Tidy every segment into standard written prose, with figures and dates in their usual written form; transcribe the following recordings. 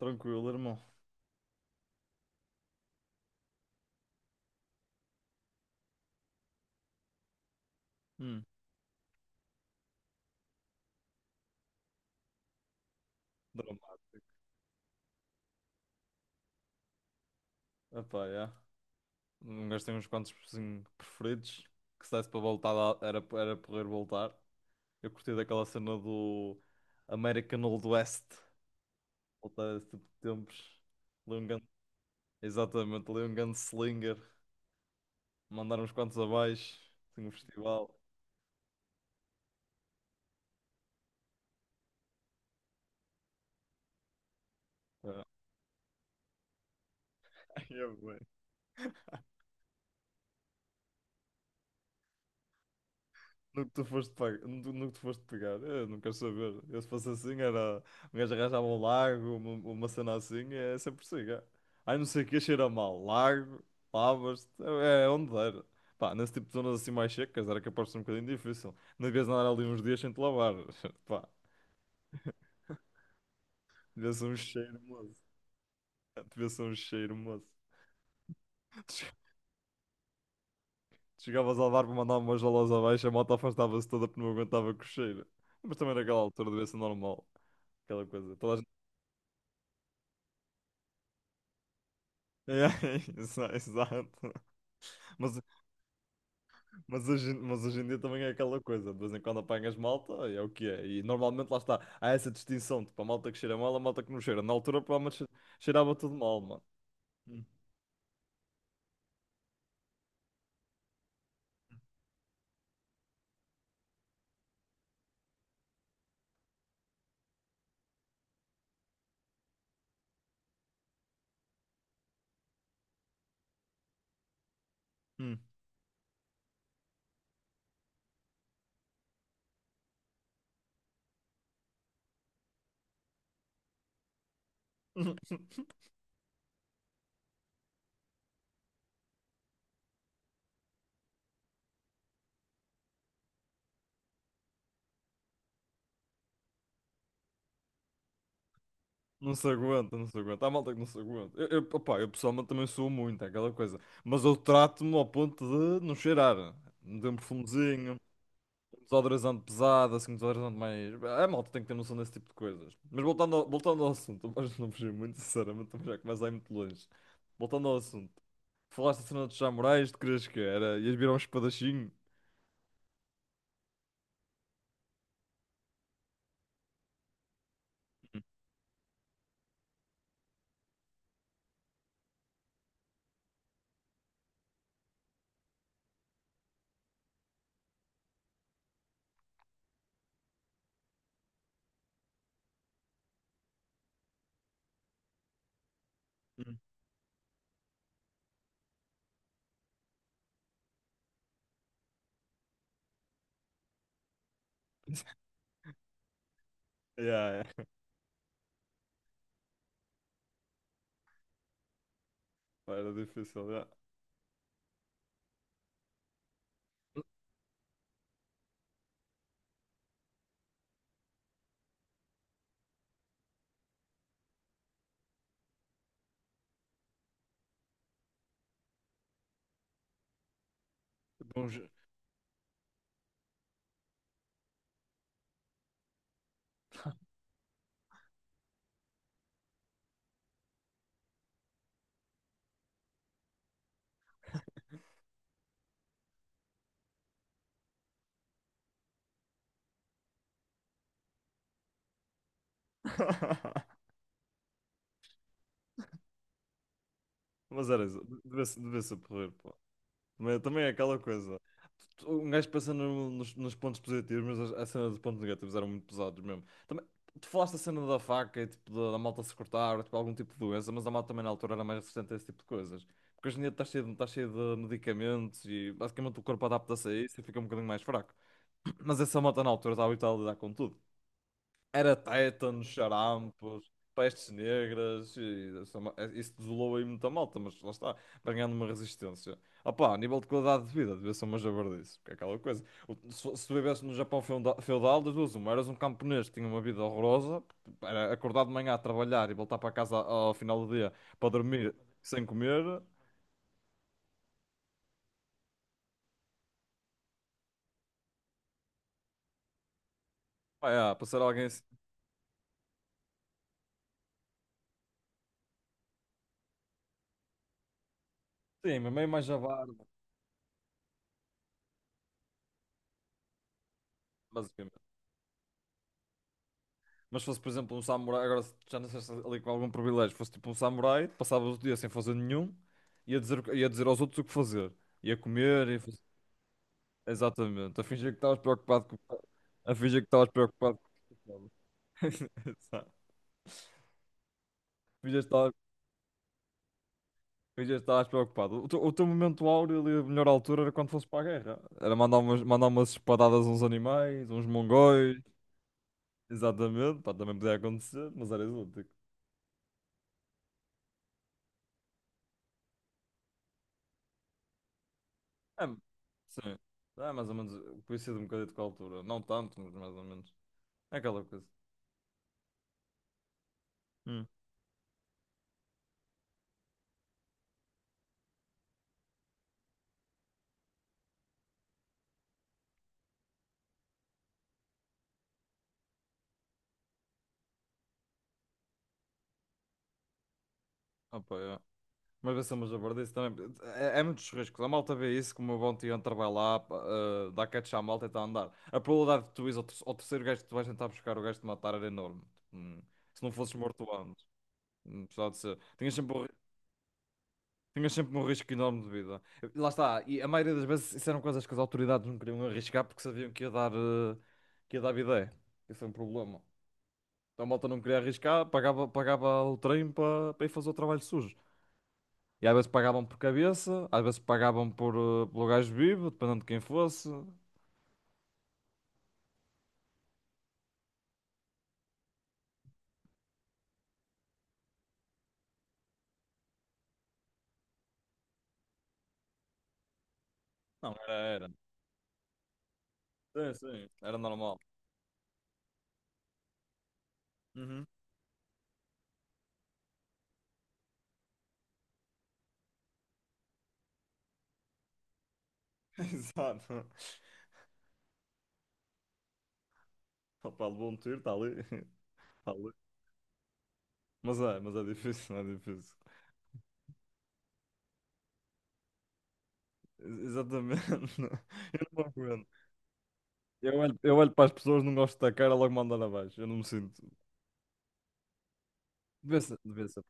Tranquilo, irmão. Hum, dramático. Epá, yeah. Um gajo uns quantos assim, preferidos que se desse para voltar lá, era poder voltar. Eu curti daquela cena do American Old West. Voltar a esse tipo de tempos. Ali um grande- Exatamente, ali um gunslinger. Mandar uns quantos abaixo. Assim, um festival. É. É bué. No que tu foste, pe- No que tu foste pegar, eu não quero saber. Se fosse assim, era um gajo, arranjava um largo, uma cena assim, é sempre assim. É. Ai, não sei o que, cheira mal. Largo, lavas-te, é onde der. Pá, nesse tipo de zonas assim mais secas, era capaz de ser um bocadinho difícil. Não devias andar ali uns dias sem te lavar. Pá, devia ser um cheiro, moço. Devia ser um cheiro, moço. Tu che- tu Chegavas a levar para mandar umas jalas abaixo, a moto afastava-se toda porque não aguentava com o cheiro. Mas também naquela altura devia ser normal aquela coisa. É, exato. Mas, mas hoje em dia também é aquela coisa, de vez em quando apanhas malta e é o que é. E normalmente lá está, há essa distinção, tipo, a malta que cheira mal, a malta que não cheira. Na altura provavelmente cheirava tudo mal, mano. Hum, hum. Não se aguenta, não se aguenta. Há malta que não se aguenta. Opá, eu pessoalmente também sou muito, é aquela coisa. Mas eu trato-me ao ponto de não cheirar. De um perfumezinho. Desodorizante pesado, assim, um desodorizante mais. A malta tem que ter noção desse tipo de coisas. Mas voltando ao assunto, mas não fugi muito, sinceramente, também já começa a ir muito longe. Voltando ao assunto, falaste da cena dos samurais, tu querias que era? Ias virar um espadachim? Hum. Yeah, yeah. Pá, era difícil, yeah. Bom, já- Mas era isso, devia ser porreiro. Mas também é aquela coisa. Um gajo pensa nos pontos positivos, mas a cena dos pontos negativos eram muito pesados mesmo. Também, tu falaste a cena da faca e tipo, da malta se cortar, tipo, algum tipo de doença, mas a malta também na altura era mais resistente a esse tipo de coisas. Porque hoje em dia está cheio, está cheio de medicamentos e basicamente o corpo adapta-se a isso e fica um bocadinho mais fraco. Mas essa malta na altura estava habituada a lidar com tudo. Era tétanos, charampos, pestes negras, e essa isso desolou aí muita malta, mas lá está, vai ganhando uma resistência. Opá, a nível de qualidade de vida, devia ser uma jabardice, porque é aquela coisa. Se tu vivesse no Japão feudal, das duas uma, eras um camponês que tinha uma vida horrorosa, era acordar de manhã a trabalhar e voltar para casa ao final do dia para dormir sem comer, pá, é, para ser alguém assim, sim, mas meio mais javarde. Mas se fosse, por exemplo, um samurai, agora se já nasceste ali com algum privilégio, fosse tipo um samurai, passavas o dia sem fazer nenhum, ia dizer, ia dizer aos outros o que fazer. Ia comer, ia fazer... Exatamente, a fingir que estavas preocupado com... A fingir que estavas preocupado com... Exato. Fingias que estavas fingias que estavas preocupado. O teu momento áureo ali, a melhor altura era quando fosse para a guerra. Era mandar umas espadadas a uns animais, uns mongóis. Exatamente, pá, também podia acontecer, mas era exótico. É, sim. É mais ou menos. Coincide um bocadinho com a altura. Não tanto, mas mais ou menos. É aquela coisa. Hum. Opa, é. Mas vai ser uma jabardice também. É, é muitos riscos. A malta vê isso como o bom hunter vai lá, pá, eh, dá catch à malta e está a andar. A probabilidade de tu ires ao terceiro gajo que tu vais tentar buscar, o gajo de matar era enorme. Hum. Se não fosses morto antes. Apesar de ser. Tinhas sempre um risco enorme de vida. Lá está. E a maioria das vezes isso eram coisas que as autoridades não queriam arriscar porque sabiam que ia dar, eh, que ia dar bidé. Isso é um problema. Então a malta não queria arriscar, pagava o trem para ir fazer o trabalho sujo. E às vezes pagavam por cabeça, às vezes pagavam por, eh, pelo gajo vivo, dependendo de quem fosse. Não, era. Sim, sim, era normal. Uhum. Exato. Opa, levou um tiro, está ali. Está ali. Mas é difícil, é difícil. Exatamente. Eu não aguento. Eu olho para as pessoas, não gosto da cara, logo mando andar abaixo. Eu não me sinto. Devia ser, devia ser.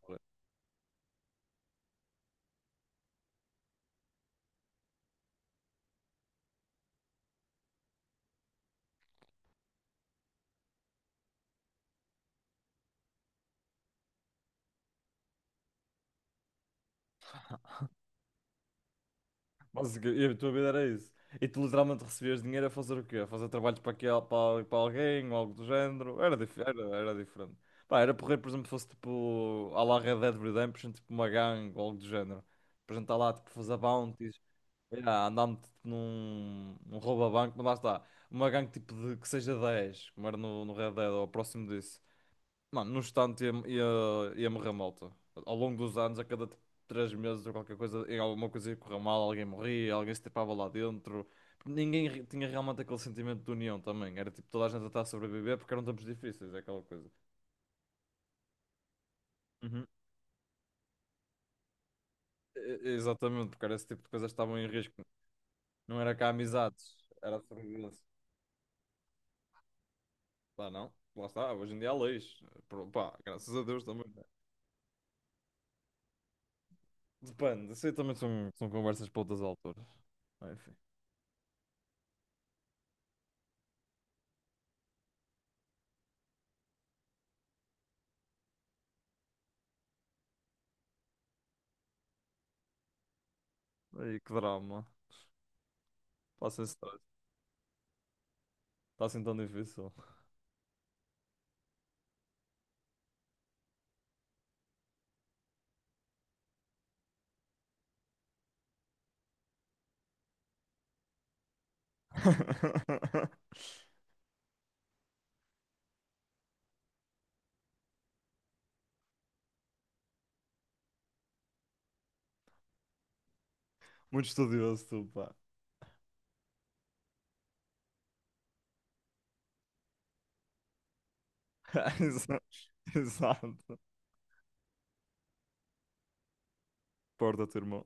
E a tua vida era isso. E tu literalmente recebias dinheiro a fazer o quê? A fazer trabalhos para, aqui, para alguém ou algo do género. Era diferente. Pá, era porrer, por exemplo, fosse tipo à la Red Dead Redemption, tipo uma gangue ou algo do género. Por exemplo, estar lá tipo fazer bounties, yeah, andar-me tipo, num roubo a banco, mas lá está. Uma gangue tipo de que seja 10 como era no, no Red Dead ou próximo disso. Mano, num instante ia morrer malta. Ao longo dos anos, a cada 3 meses ou qualquer coisa, em alguma coisa ia correr mal, alguém morria, alguém se tapava lá dentro. Tinha realmente aquele sentimento de união também. Era tipo toda a gente a estar a sobreviver porque eram tempos difíceis, é aquela coisa. Uhum. Exatamente, porque era esse tipo de coisas que estavam em risco. Não era cá amizades, era a sobrevivência. Lá não, lá está, hoje em dia há leis. Pá, graças a Deus também, né? Depende, isso aí também são, são conversas para outras alturas. Enfim, aí que drama. Passa esse stress. Está assim tão difícil. Muito estudioso, tu, pá. Exa- Exato. Porta-te, irmão.